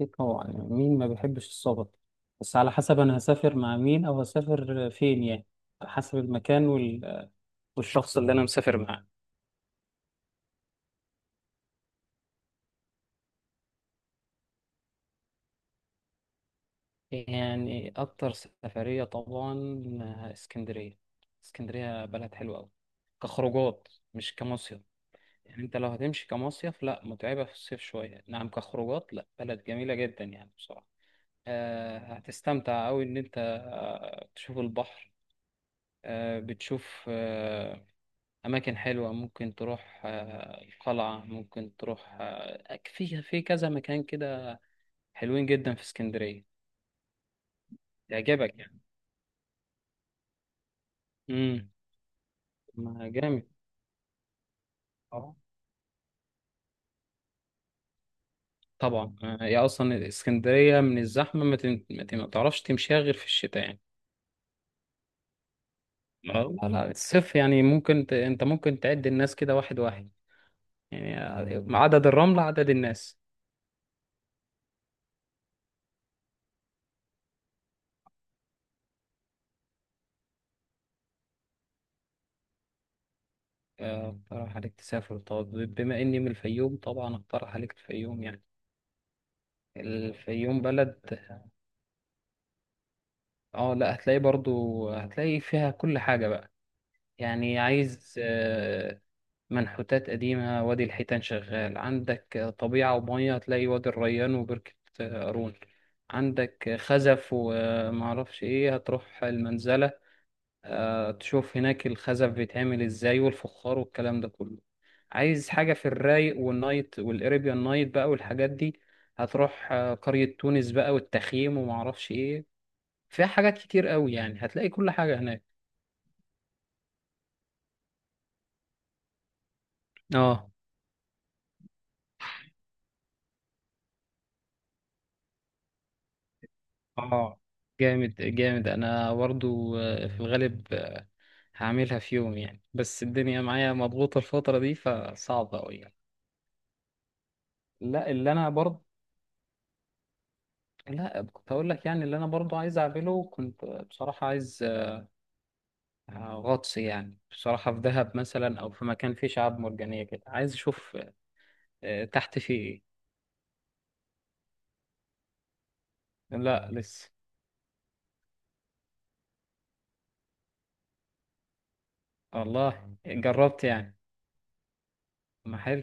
أكيد طبعا، يعني مين ما بيحبش السفر؟ بس على حسب، أنا هسافر مع مين أو هسافر فين يعني، على حسب المكان والشخص اللي أنا مسافر معاه. يعني أكتر سفرية طبعا، اسكندرية. اسكندرية بلد حلوة أوي، كخروجات مش كمصيف. يعني أنت لو هتمشي كمصيف لا، متعبة في الصيف شوية، نعم، كخروجات لا، بلد جميلة جدا يعني بصراحة. هتستمتع أوي إن أنت تشوف البحر. بتشوف، أماكن حلوة، ممكن تروح القلعة، ممكن تروح في كذا مكان كده، حلوين جدا في اسكندرية. يعجبك يعني. امم. ما جامد، اه طبعا. هي أصلا اسكندرية من الزحمة ما تعرفش تمشيها غير في الشتاء يعني. لا لا، الصيف يعني ممكن أنت ممكن تعد الناس كده واحد واحد، يعني عدد الرملة عدد الناس. أقترح عليك تسافر، طب بما إني من الفيوم طبعا أقترح عليك الفيوم يعني. الفيوم بلد، اه لا، هتلاقي برضو، هتلاقي فيها كل حاجة بقى. يعني عايز منحوتات قديمة، وادي الحيتان شغال عندك، طبيعة ومية، هتلاقي وادي الريان وبركة قارون، عندك خزف، ومعرفش ايه، هتروح المنزلة، تشوف هناك الخزف بيتعمل ازاي والفخار والكلام ده كله. عايز حاجة في الرايق والنايت والاريبيان نايت بقى والحاجات دي، هتروح قرية تونس بقى، والتخييم ومعرفش ايه. فيها حاجات كتير قوي يعني، هتلاقي كل حاجة هناك. اه. اه، جامد جامد. انا برضو في الغالب هعملها في يوم يعني، بس الدنيا معايا مضغوطة الفترة دي، فصعبة قوي يعني. لا، اللي انا برضو. لا، كنت اقول لك يعني، اللي انا برضو عايز اعمله، كنت بصراحة عايز غطس يعني بصراحة، في دهب مثلا او في مكان فيه شعاب مرجانية كده، عايز اشوف تحت فيه ايه. لا لسه. والله جربت يعني، ما حلو.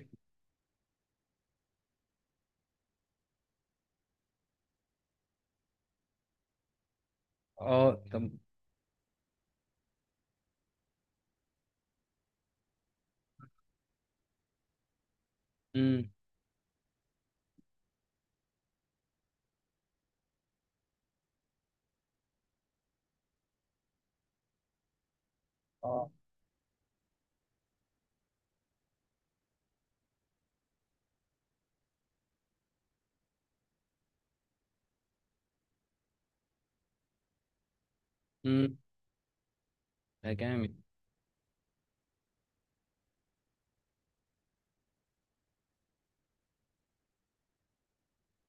اه طب. امم. امم. ده جامد.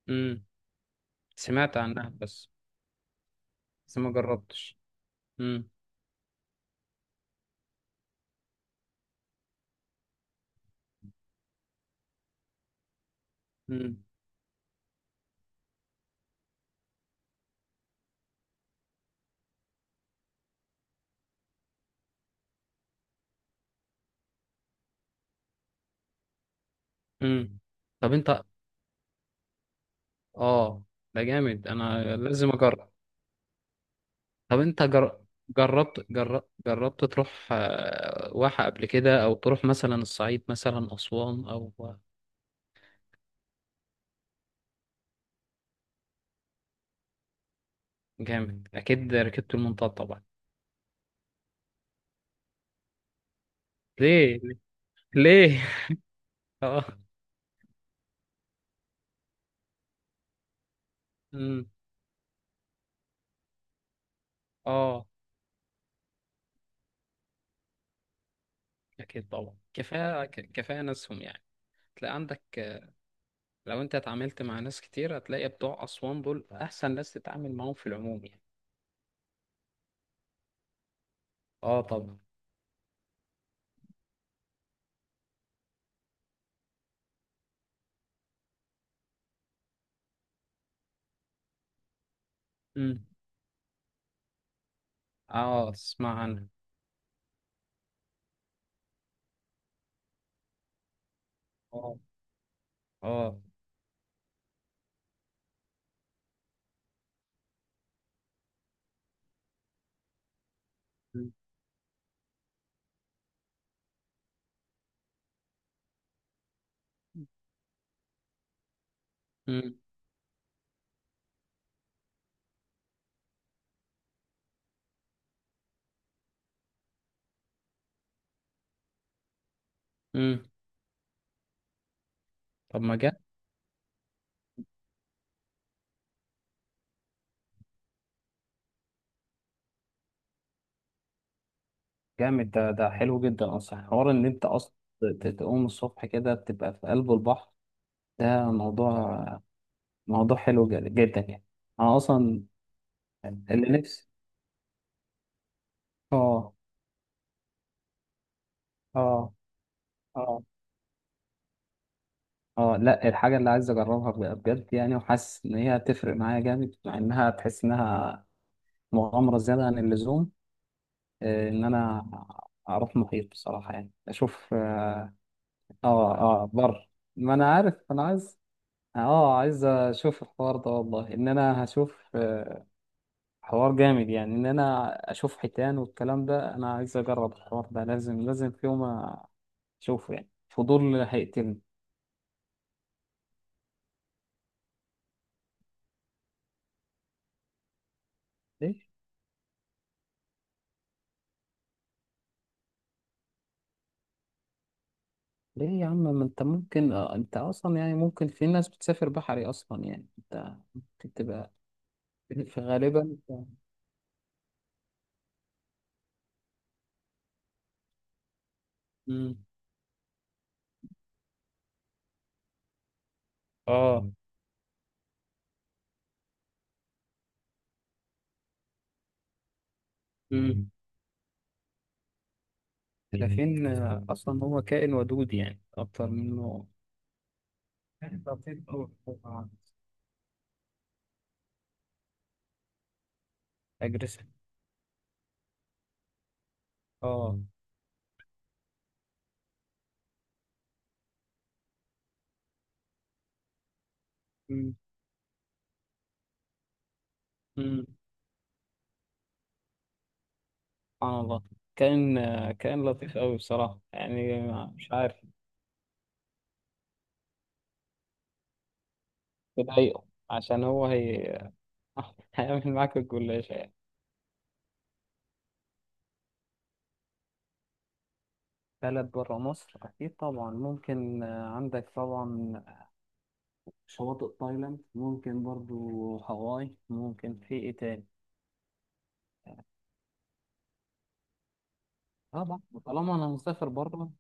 امم. سمعت عنها، بس بس ما جربتش. امم. امم. امم. طب انت. اه، ده جامد، انا لازم اجرب. طب انت جربت تروح واحة قبل كده، او تروح مثلا الصعيد، مثلا اسوان او... جامد، اكيد ركبت المنطاد طبعا. ليه؟ ليه؟ اه. امم. اه اكيد طبعا، كفايه كفايه ناسهم يعني، تلاقي عندك. لو انت اتعاملت مع ناس كتير، هتلاقي بتوع أسوان دول أحسن ناس تتعامل معاهم في العموم يعني. اه طبعا. امم. اه اسمع عنها. اه. اه. امم. امم. طب ما جاء. جامد، ده حلو جدا اصلا. حوار ان انت اصلا تقوم الصبح كده بتبقى في قلب البحر. ده موضوع، موضوع حلو جدا يعني. انا اصلا اللي نفسي. اه. اه. اه. اه لا، الحاجة اللي عايز اجربها بجد يعني، وحاسس ان هي هتفرق معايا جامد، مع انها تحس انها مغامرة زيادة عن اللزوم. ان انا اروح محيط بصراحة يعني، اشوف اه. اه. آه، بر ما انا عارف، انا عايز، اه عايز اشوف الحوار ده. والله ان انا هشوف حوار جامد يعني. ان انا اشوف حيتان والكلام ده، انا عايز اجرب الحوار ده، لازم لازم في يوم اشوفه يعني، فضول هيقتلني. ليه يا عم؟ ما انت ممكن اه، انت اصلا يعني ممكن، في ناس بتسافر بحري اصلا، يعني انت ممكن تبقى في غالبا مم. اه. مم. الدلافين اصلا هو كائن ودود يعني اكتر منه. اجريسيف. اه. مم. مم. سبحان الله، كائن كائن لطيف قوي بصراحة يعني. مش عارف. بضايقه، عشان هي هيعمل معاك الجلاش. بلد برا مصر أكيد طبعا، ممكن عندك طبعا شواطئ تايلاند، ممكن برضو هاواي، ممكن في إيه تاني؟ طبعا طالما أنا مسافر برا،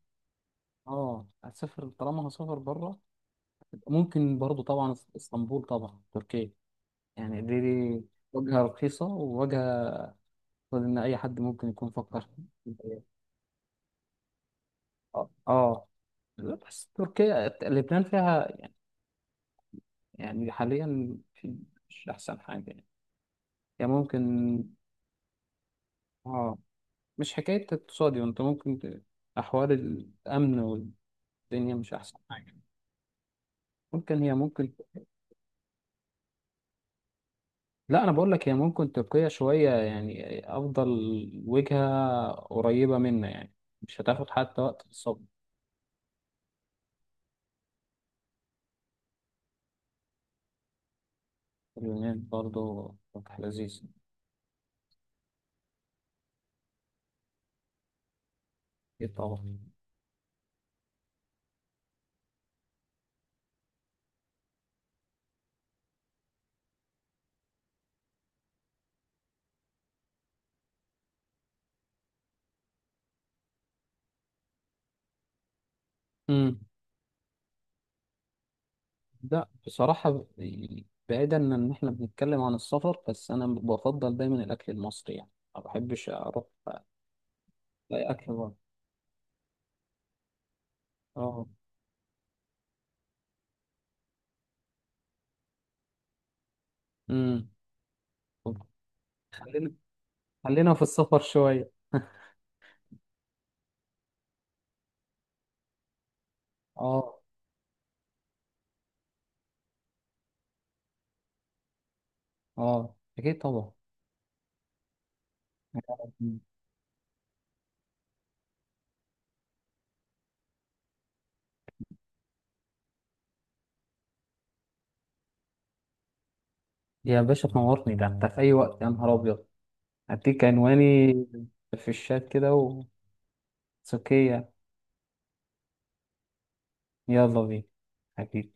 اه هسافر، طالما أنا هسافر برا، ممكن برضو طبعا اسطنبول، طبعا تركيا. يعني دي وجهة رخيصة، ووجهة أعتقد إن أي حد ممكن يكون فكر فيها. اه آه. لا، بس تركيا لبنان فيها يعني، يعني حاليا في، مش أحسن حاجة يعني. يعني ممكن، اه، مش حكاية اقتصادي، وانت ممكن أحوال الأمن والدنيا مش أحسن حاجة. ممكن هي ممكن. لا، أنا بقول لك، هي ممكن تبقية شوية يعني أفضل، وجهة قريبة منا يعني، مش هتاخد حتى وقت في الصبر. اليونان برضه فتح لذيذ. أكيد طبعا. امم. لا بصراحة يعني، بعيدا إن إحنا بنتكلم عن السفر، بس أنا بفضل دايما الأكل المصري يعني، ما بحبش أروح ألاقي أكل بره. أه. امم. خلينا في السفر شوية اه. اه اكيد طبعا. يا باشا تنورني، ده انت في اي وقت، يا نهار ابيض، هديك عنواني في الشات كده وتسكية. يلا بينا. حبيبي.